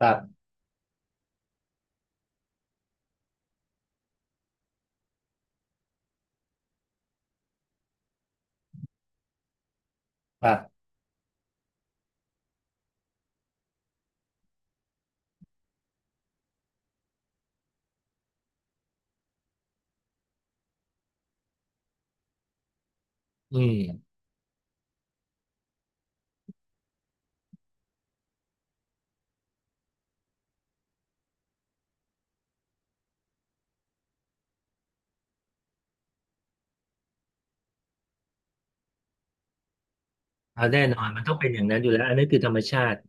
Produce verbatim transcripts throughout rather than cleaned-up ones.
ครับครับอืมเอาแน่นอนมันต้องเป็นอย่างนั้นอยู่แล้วอันนี้คือธรรมชาติ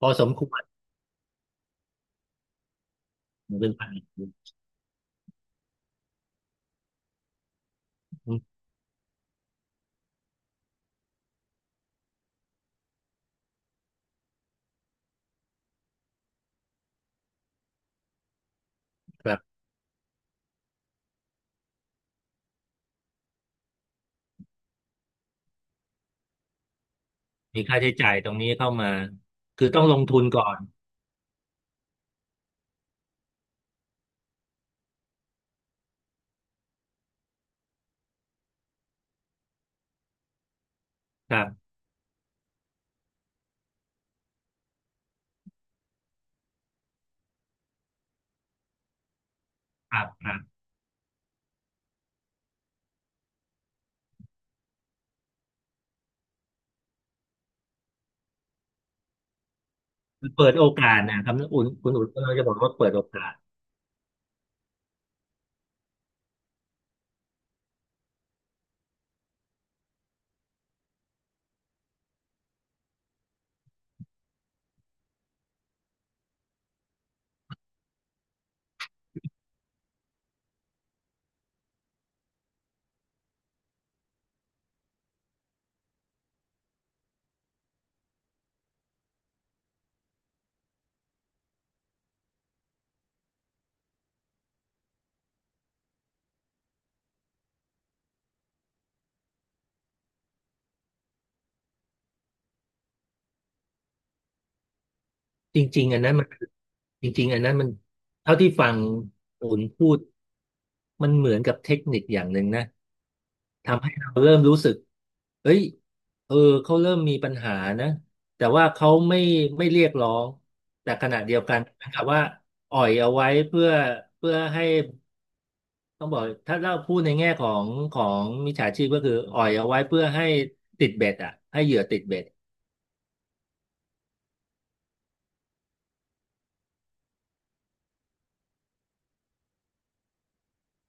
พอสมควรมันเป็นไปอืมครับมีค่าใช้จ่ายตรงนี้เข้ามาคือต้องลงทุนก่อนครับครับครับเปิดโอกาสนะครับคุณคุณอุ่นก็จะบอกว่าเปิดโอกาสจริงๆอันนั้นมันจริงๆอันนั้นมันเท่าที่ฟังอุ่นพูดมันเหมือนกับเทคนิคอย่างหนึ่งนะ ทำให้เราเริ่มรู้สึกเอ้ยเออเขาเริ่มมีปัญหานะแต่ว่าเขาไม่ไม่เรียกร้องแต่ขณะเดียวกันเหมือนกับว่าอ่อยเอาไว้เพื่อเพื่อให้ต้องบอกถ้าเราพูดในแง่ของของมิจฉาชีพก็คืออ่อยเอาไว้เพื่อให้ติดเบ็ดอ่ะให้เหยื่อติดเบ็ด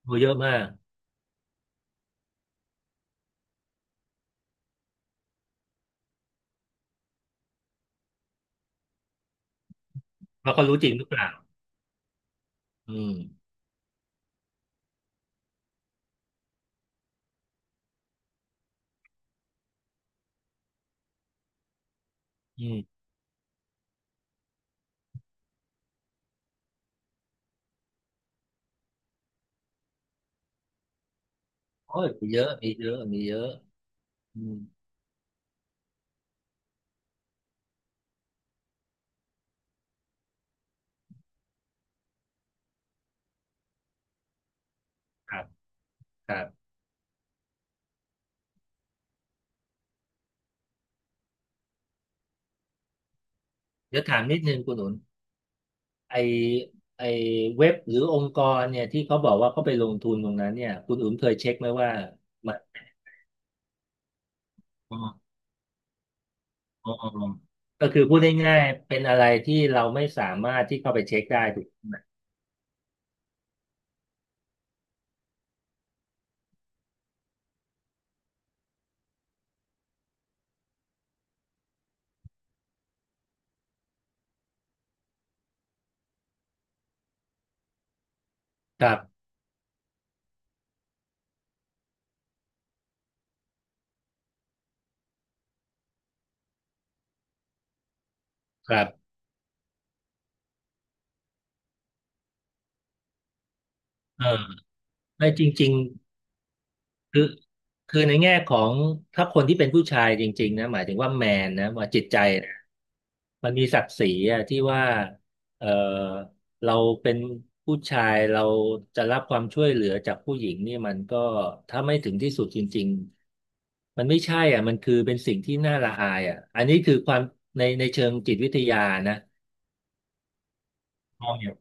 ดูเยอะมากว่าเขารู้จริงหรือเปล่าอืมอืมโอ้ยมีเยอะมีเยอะมีเยอะอืมครับครับเดี๋ยวถามนิดนึงคุณหนุน ไอไอเว็บหรือองค์กรเนี่ยที่เขาบอกว่าเขาไปลงทุนตรงนั้นเนี่ยคุณอุ๋มเคยเช็คไหมว่ามันอ๋ออ๋ออ๋อก็คือพูดง่ายๆเป็นอะไรที่เราไม่สามารถที่เข้าไปเช็คได้ถูกไหมครับครับเออไม่จริง คือคือในแง่ของถ้าคนที่เป็นผู้ชายจริงๆนะหมายถึงว่าแมนนะว่าจิตใจนะมันมีศักดิ์ศรีอะที่ว่าเออเราเป็นผู้ชายเราจะรับความช่วยเหลือจากผู้หญิงนี่มันก็ถ้าไม่ถึงที่สุดจริงๆมันไม่ใช่อ่ะมันคือเป็นสิ่งที่น่าละอายอ่ะอันนี้คือความในในเชิงจิตวิทยานะมองอย่าง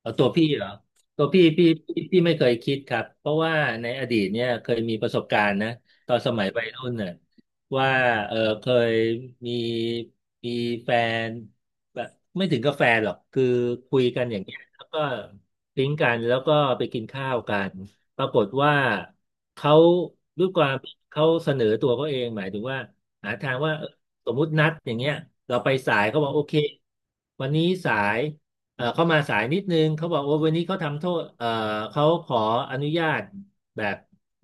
เอาตัวพี่เหรอตัวพี่พี่พี่พี่ไม่เคยคิดครับเพราะว่าในอดีตเนี่ยเคยมีประสบการณ์นะตอนสมัยวัยรุ่นน่ะว่าเออเคยมีมีแฟนแบบไม่ถึงกับแฟนหรอกคือคุยกันอย่างเงี้ยแล้วก็ปิ๊งกันแล้วก็ไปกินข้าวกันปรากฏว่าเขาด้วยความเขาเสนอตัวเขาเองหมายถึงว่าหาทางว่าเออสมมุตินัดอย่างเงี้ยเราไปสายเขาบอกโอเควันนี้สาย เออเข้ามาสายนิดนึงเขาบอกว่าวันนี้เขาทำโทษเออเขาขออนุญาตแบบ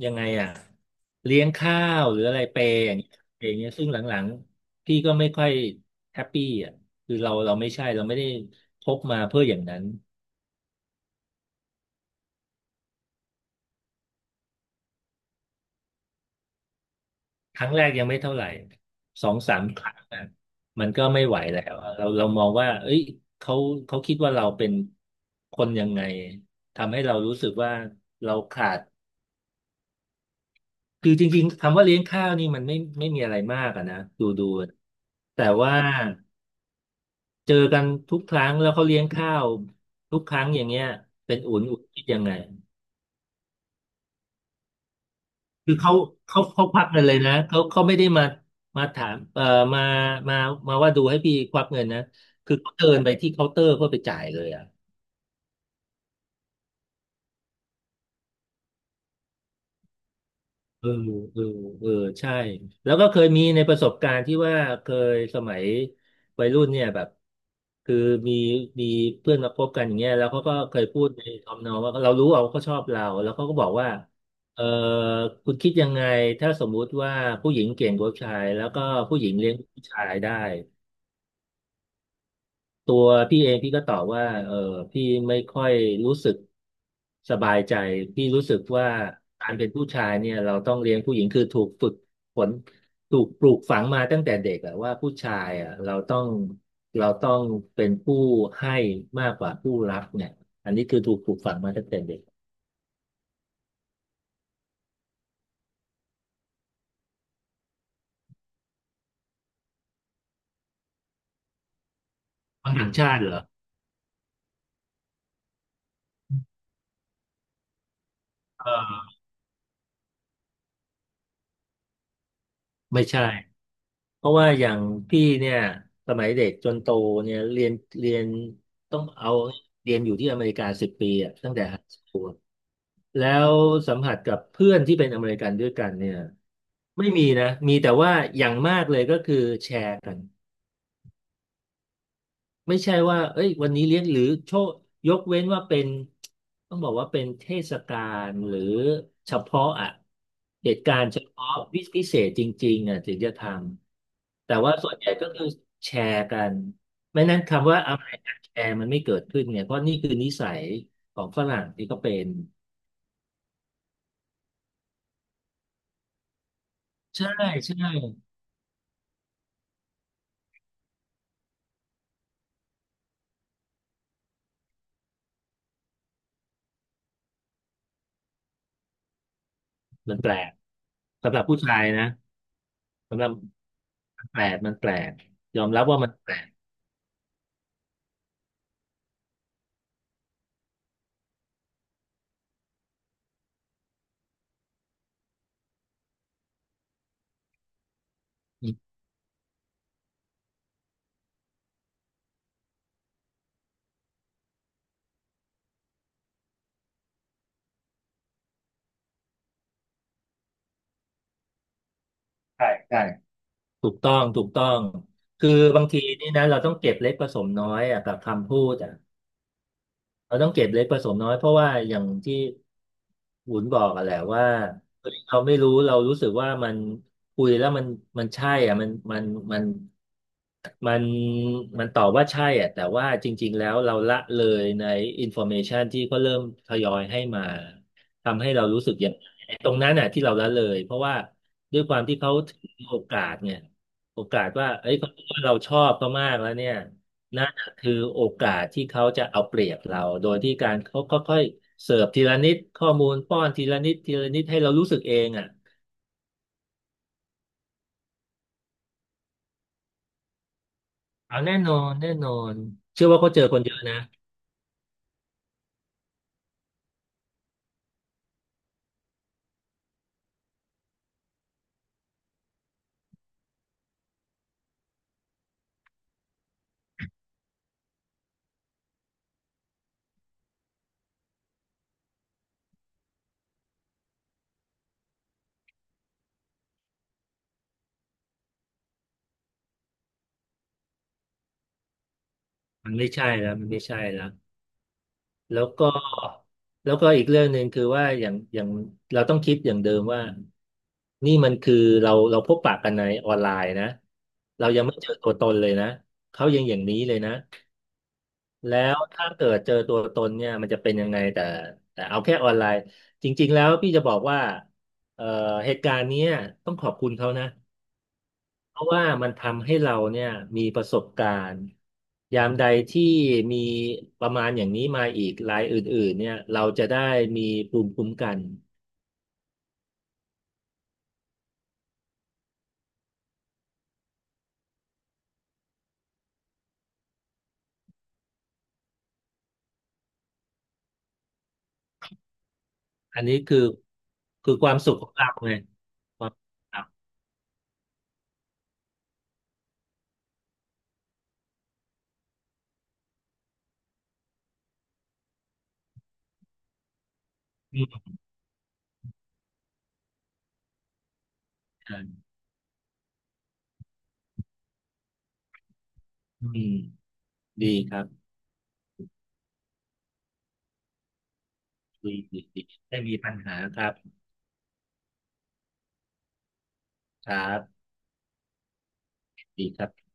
ยังไงอ่ะเลี้ยงข้าวหรืออะไรเปย์อย่างเงี้ยเปย์อย่างเงี้ยซึ่งหลังๆพี่ก็ไม่ค่อยแฮปปี้อ่ะคือเราเราไม่ใช่เราไม่ได้พบมาเพื่ออย่างนั้นครั้งแรกยังไม่เท่าไหร่สองสามครั้งอะมันก็ไม่ไหวแล้วอะเราเรามองว่าเอ้ยเขาเขาคิดว่าเราเป็นคนยังไงทำให้เรารู้สึกว่าเราขาด คือจริงๆคำว่าเลี้ยงข้าวนี่มันไม่ไม่มีอะไรมากอะนะดูดูแต่ว่าเจอกันทุกครั้งแล้วเขาเลี้ยงข้าวทุกครั้งอย่างเงี้ยเป็นอุ่นอุ่นคิดยังไงคือเขาเขาเขาควักเงินเลยนะเขาเขาไม่ได้มามาถามเอ่อมามามาว่าดูให้พี่ควักเงินนะคือเขาเดินไปที่เคาน์เตอร์เพื่อไปจ่ายเลยอะ เออเออเออใช่แล้วก็เคยมีในประสบการณ์ที่ว่าเคยสมัยวัยรุ่นเนี่ยแบบคือมีมีเพื่อนมาคบกันอย่างเงี้ยแล้วเขาก็เคยพูดในทำนองว่าเรารู้ว่าเขาชอบเราแล้วเขาก็บอกว่าเออคุณคิดยังไงถ้าสมมุติว่าผู้หญิงเก่งกว่าผู้ชายแล้วก็ผู้หญิงเลี้ยงผู้ชายได้ ตัวพี่เองพี่ก็ตอบว่าเออพี่ไม่ค่อยรู้สึกสบายใจพี่รู้สึกว่าการเป็นผู้ชายเนี่ยเราต้องเลี้ยงผู้หญิงคือถูกฝึกฝนถูกปลูกฝังมาตั้งแต่เด็กอะว่าผู้ชายอะเราต้องเราต้องเป็นผู้ให้มากกว่าผู้รับเนี่ยอันนี้คือถูกปลูกฝังมาตั้งแต่เด็กฝรั่งต่างชาติเหรอเออไม่ใช่ เพราะว่าอย่างพี่เนี่ยสมัยเด็กจนโตเนี่ยเรียนเรียนต้องเอาเรียนอยู่ที่อเมริกาสิบปีอะตั้งแต่ไฮสคูลแล้วสัมผัสกับเพื่อนที่เป็นอเมริกันด้วยกันเนี่ยไม่มีนะมีแต่ว่าอย่างมากเลยก็คือแชร์กัน ไม่ใช่ว่าเอ้ยวันนี้เลี้ยงหรือโชคยกเว้นว่าเป็นต้องบอกว่าเป็นเทศกาลหรือเฉพาะอ่ะเหตุการณ์เฉพาะวิพิเศษจริงๆอ่ะถึงจะทำแต่ว่าส่วนใหญ่ก็คือแชร์กันไม่นั้นคำว่าอะไรกันแชร์มันไม่เกิดขึ้นเนี่ยเพราะนี่คือนิสัยของฝรั่งที่ก็เป็นใช่ใช่มันแปลกสำหรับผู้ชายนะสำหรับมันแปลกมันแปลกยอมรับว่ามันแปลกอืมใช่ใช่ ถูกต้อง ถูกต้อง คือบางทีนี่นะเราต้องเก็บเล็กผสมน้อยอะกับคำพูดอะ เราต้องเก็บเล็กผสมน้อยเพราะว่าอย่างที่หุนบอกอะแหละว่าเฮ้ยเราไม่รู้เรารู้สึกว่ามันคุยแล้วมันมันใช่อ่ะมันมันมันมันมันตอบว่าใช่อ่ะแต่ว่าจริงๆแล้วเราละเลยในอินโฟเมชันที่เขาเริ่มทยอยให้มาทำให้เรารู้สึกอย่างไอ้ตรงนั้นน่ะที่เราละเลยเพราะว่าด้วยความที่เขาถือโอกาสเนี่ยโอกาสว่าเอ้ยเขาคิดว่าเราชอบเขามากแล้วเนี่ย คือโอกาสที่เขาจะเอาเปรียบเราโดยที่การเขาค่อยๆเสิร์ฟทีละนิดข้อมูลป้อนทีละนิดทีละนิดให้เรารู้สึกเองอ่ะเอาแน่นอนแน่นอนเชื่อว่าเขาเจอคนเยอะนะมันไม่ใช่แล้วมันไม่ใช่แล้วแล้วก็แล้วก็อีกเรื่องหนึ่งคือว่าอย่างอย่างเราต้องคิดอย่างเดิมว่านี่มันคือเราเราพบปะกันในออนไลน์นะเรายังไม่เจอตัวตนเลยนะเขายังอย่างนี้เลยนะ แล้วถ้าเกิดเจอตัวตนเนี่ยมันจะเป็นยังไงแต่แต่เอาแค่ออนไลน์จริงๆแล้วพี่จะบอกว่าเอ่อเหตุการณ์เนี้ยต้องขอบคุณเขานะเพราะว่ามันทำให้เราเนี่ยมีประสบการณ์ยามใดที่มีประมาณอย่างนี้มาอีกรายอื่นๆเนี่ยเราจะได้มีภูมิคุ้มกันอันนี้คือคือความสุขของเราไงความสุขของเราอืมอืมดีครับดีดีดีไม่มีปัญหาครับครับดีครับ